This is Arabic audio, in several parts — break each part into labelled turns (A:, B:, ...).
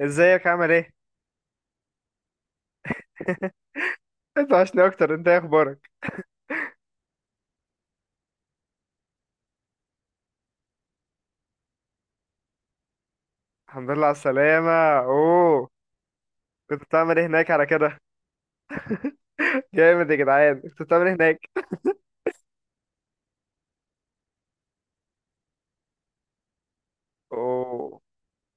A: ازيك عامل ايه؟ انت عشنا اكتر، انت ايه اخبارك؟ الحمد لله على السلامة. اوه. كنت بتعمل ايه هناك على كده؟ جامد يا جدعان، كنت بتعمل ايه هناك؟ اوه،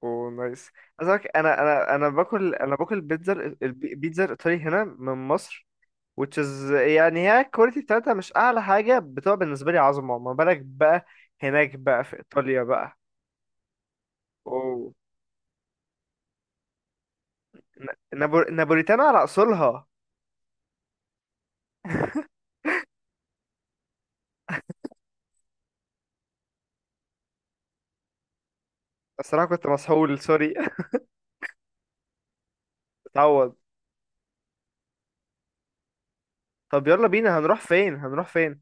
A: اوه، نايس. عايزك، انا باكل بيتزا. البيتزا الايطالي هنا من مصر which is، يعني هي الكواليتي بتاعتها مش اعلى حاجة، بتبقى بالنسبة لي عظمة، ما بالك بقى هناك بقى في ايطاليا بقى. اوه. نابوليتانا على اصولها. الصراحة كنت مسحول، سوري. اتعوض. طب يلا بينا، هنروح فين؟ هنروح فين؟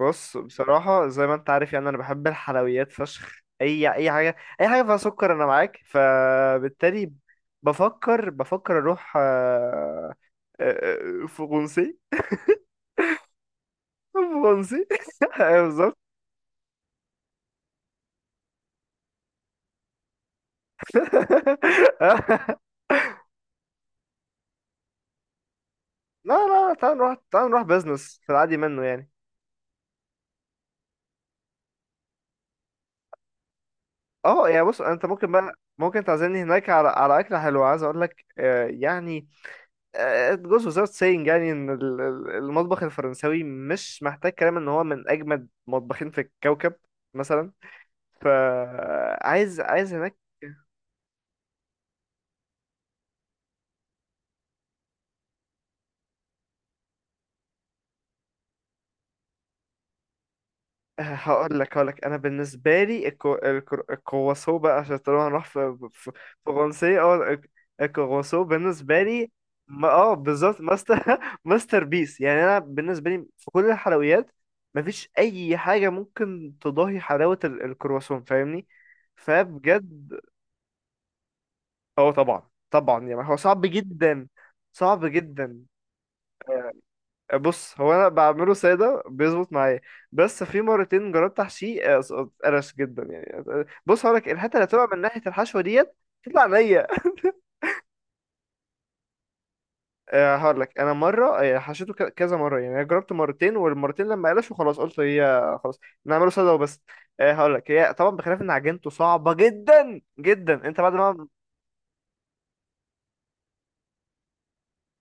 A: بص، بصراحة زي ما انت عارف يعني انا بحب الحلويات فشخ، اي حاجة، اي حاجة فيها سكر انا معاك. فبالتالي بفكر اروح آه، فرنسي. فرنسي. أيوة، بالظبط. لا، لا، لا، تعال نروح، تعال نروح بزنس في العادي منه يعني. اه، يعني بص، انت ممكن بقى، ممكن تعزمني هناك على اكلة حلوة. عايز اقول لك يعني it goes without saying، يعني ان المطبخ الفرنساوي مش محتاج كلام، ان هو من اجمد مطبخين في الكوكب. مثلا. فعايز، عايز هناك. هقول لك، انا بالنسبه لي الكرواسو بقى، عشان طالما هنروح في فرنسي. اه، الكرواسو بالنسبه لي، ما، بالظبط، ماستر، ماستر بيس يعني. انا بالنسبه لي في كل الحلويات، مفيش اي حاجه ممكن تضاهي حلاوه الكرواسون، فاهمني؟ فبجد. اه، طبعا طبعا، يعني هو صعب جدا، صعب جدا. بص، هو انا بعمله ساده بيظبط معايا، بس في مرتين جربت احشيه اتقرش جدا يعني. بص، هقولك الحته اللي طلع من ناحيه الحشوه ديت تطلع نية. هقولك، انا مره، حشيته كذا مره يعني. انا جربت مرتين، والمرتين لما قلش خلاص قلت هي خلاص، نعمله ساده وبس. هقولك، هي طبعا بخلاف ان عجينته صعبه جدا جدا، انت بعد ما،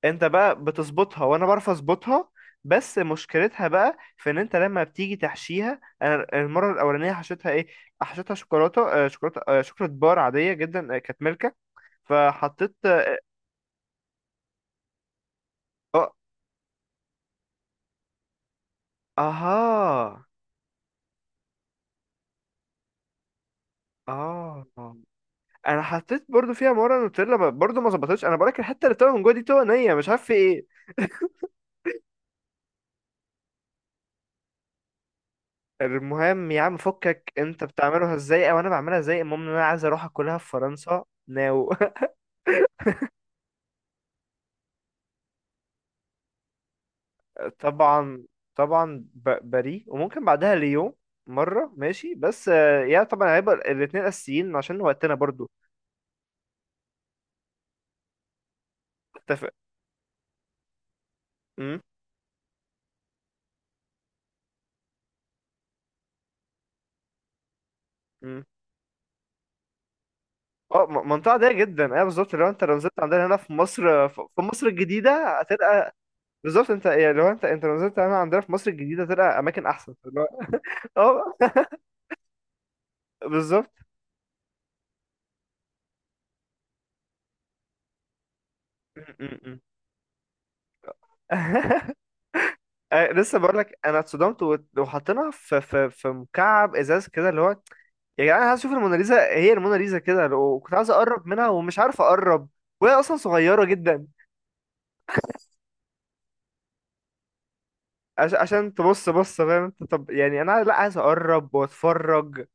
A: انت بقى بتظبطها، وانا بعرف اظبطها، بس مشكلتها بقى في ان انت لما بتيجي تحشيها. انا المره الاولانيه حشيتها ايه؟ حشيتها شوكولاته، شوكولاته، شوكولاته بار عاديه جدا، كانت ملكه. فحطيت. اه، اها. اه انا حطيت برضو فيها مره نوتيلا، برضو ما ظبطتش. انا بقولك الحته اللي طالعه من جوه دي طوع نيه، مش عارف في ايه. المهم يا عم فكك، انت بتعملها ازاي او انا بعملها ازاي، المهم ان انا عايز اروح اكلها في فرنسا ناو. طبعا، طبعا، باريس، وممكن بعدها ليون. مرة ماشي، بس يعني طبعا هيبقى الاتنين أساسيين عشان وقتنا برضو. اتفق. امم امم اه، منطقة ضيقة جدا، ايوه بالظبط. لو انت، لو نزلت عندنا هنا في مصر، في مصر الجديدة هتلقى. بالظبط. انت يعني، لو انت لو نزلت هنا عندنا في مصر الجديدة هتلقى أماكن أحسن، اللي هو. اه، بالظبط. م- م- م. لسه بقول لك، انا اتصدمت. وحطيناها في مكعب ازاز كده اللي هو. يا جدعان، انا عايز اشوف الموناليزا. هي الموناليزا كده، وكنت عايز اقرب منها ومش عارف اقرب، وهي اصلا صغيره جدا. عشان تبص، بص، فاهم انت؟ طب يعني انا لا، عايز اقرب واتفرج.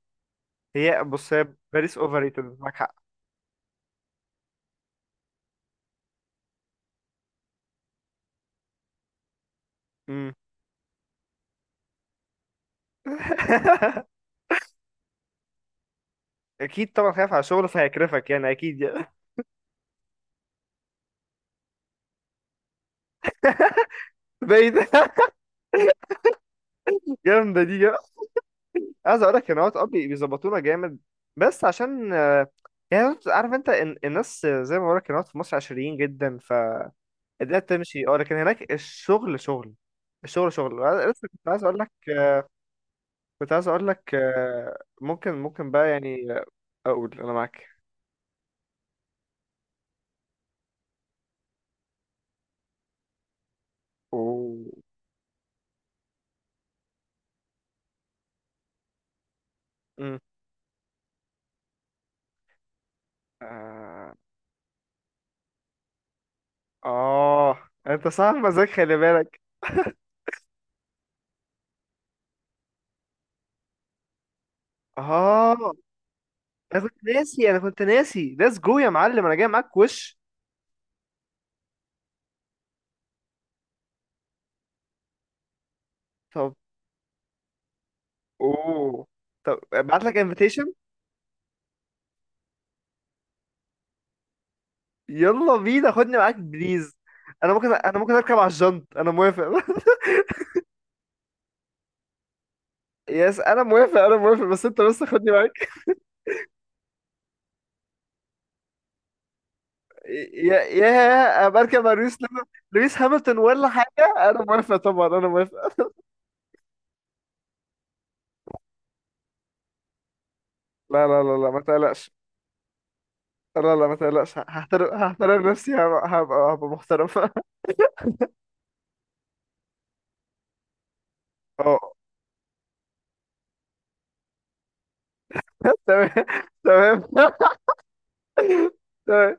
A: هي، بص، هي باريس اوفر ريتد، معاك حق. مم. اكيد طبعا، خايف على شغله فهيكرفك يعني، اكيد يعني. بعيد. جامده دي. عايز اقول لك ان واتس اب بيظبطونا جامد، بس عشان يعني عارف انت الناس، زي ما بقول لك الناس في مصر عشريين جدا، فالدنيا بتمشي، اه، لكن هناك الشغل شغل، الشغل شغل. وأنا لسه كنت عايز اقول لك، ممكن، ممكن بقى يعني، اقول انا معاك. اوه. أمم. اه. آه. انت صاحب مزاج، خلي بالك. اه، انا كنت ناسي. ليتس جو يا معلم، انا جاي معاك، وش؟ طب، اوه، طب ابعت لك انفيتيشن. يلا بينا، خدني معاك بليز. انا ممكن اركب على الجنط، انا موافق. يس، انا موافق، انا موافق، بس انت، بس خدني معاك. يا بركب مع لويس. لويس هامilton ولا حاجه، انا موافق طبعا، انا موافق. لا، لا، لا، لا، ما تقلقش. لا، لا، ما تقلقش، هحترم نفسي، هبقى محترم. اه، تمام، تمام. تمام.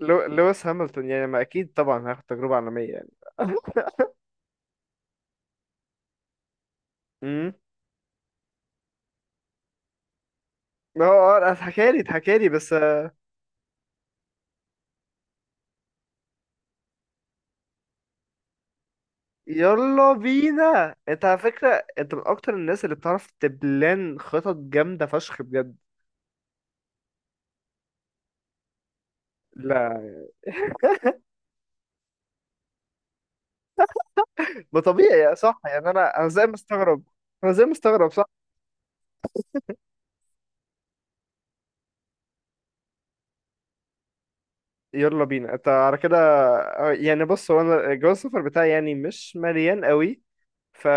A: لويس هامilton يعني، ما، اكيد طبعا هاخد تجربه عالميه يعني. أمم. اه. اه. اتحكى لي بس يلا بينا. انت على فكرة انت من اكتر الناس اللي بتعرف تبلان خطط جامدة فشخ بجد. لا، ما، طبيعي صح يعني، انا زي مستغرب. انا زي مستغرب، صح. يلا بينا، انت على كده. يعني بص، هو انا جواز السفر بتاعي يعني مش مليان قوي، ف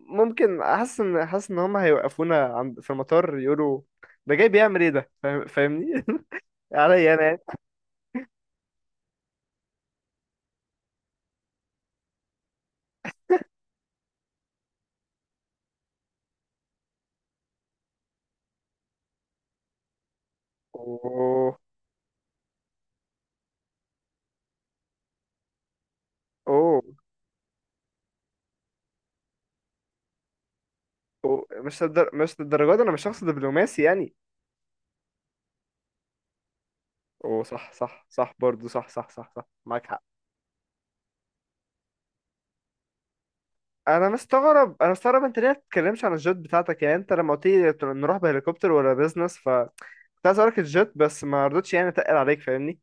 A: ممكن احس ان، حاسس ان هم هيوقفونا عند، في المطار يقولوا ده جاي بيعمل ايه ده، فاهمني؟ عليا انا يعني. اوه، اوه. مش للدرجه دي، انا مش شخص دبلوماسي يعني. وصح، صح، صح، برضه صح، صح، صح، صح، معاك حق. انا مستغرب، انت ليه ما تتكلمش عن الجيت بتاعتك؟ يعني انت لما قلت لي نروح بهليكوبتر ولا بيزنس، ف كنت عايز اقولك الجيت، بس ما رضيتش يعني، اتقل عليك، فاهمني؟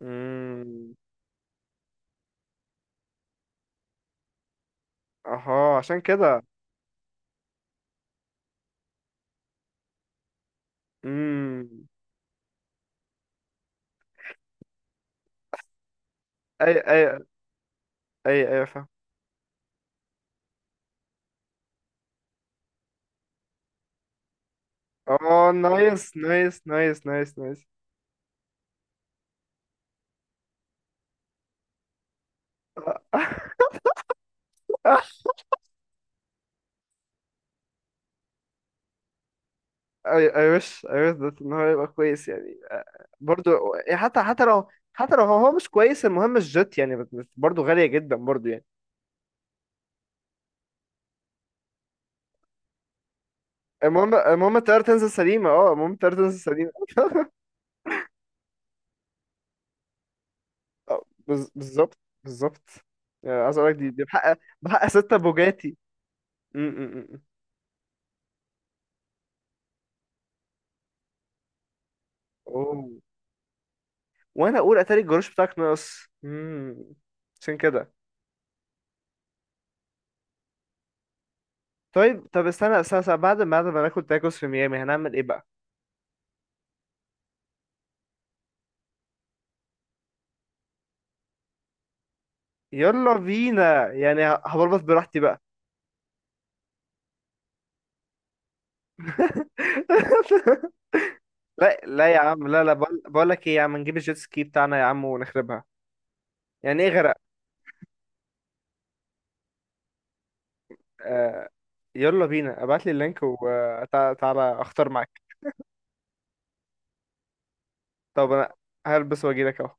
A: امم. اها. عشان كده. امم. اي، اي. اي، اي، فاهم. اه، نايس، نايس، نايس، نايس، نايس. اي، اي، وش، اي وش ده ان هو يبقى كويس يعني، برضو. يعني حتى لو هو مش كويس، المهم الجت يعني، برضو غالية جدا برضو يعني. المهم الطيارة تنزل سليمة، اه، المهم الطيارة تنزل سليمة. بالظبط، بالظبط. يعني عايز اقول لك دي بحق، بحق ستة بوجاتي. م- م- م- م. اوه. وانا اقول اتاري الجروش بتاعك ناقص. مم. عشان كده. طيب، طب، استنى، استنى، استنى، بعد ما ناكل تاكوس في ميامي هنعمل ايه بقى؟ يلا بينا، يعني هبلبط براحتي بقى. لا، لا يا عم، لا، لا، بقول لك ايه يا عم، نجيب الجيت سكي بتاعنا يا عم ونخربها. يعني ايه غرق؟ آه، يلا بينا، ابعت لي اللينك وتعالى اختار معاك. طب انا هلبس واجي لك اهو.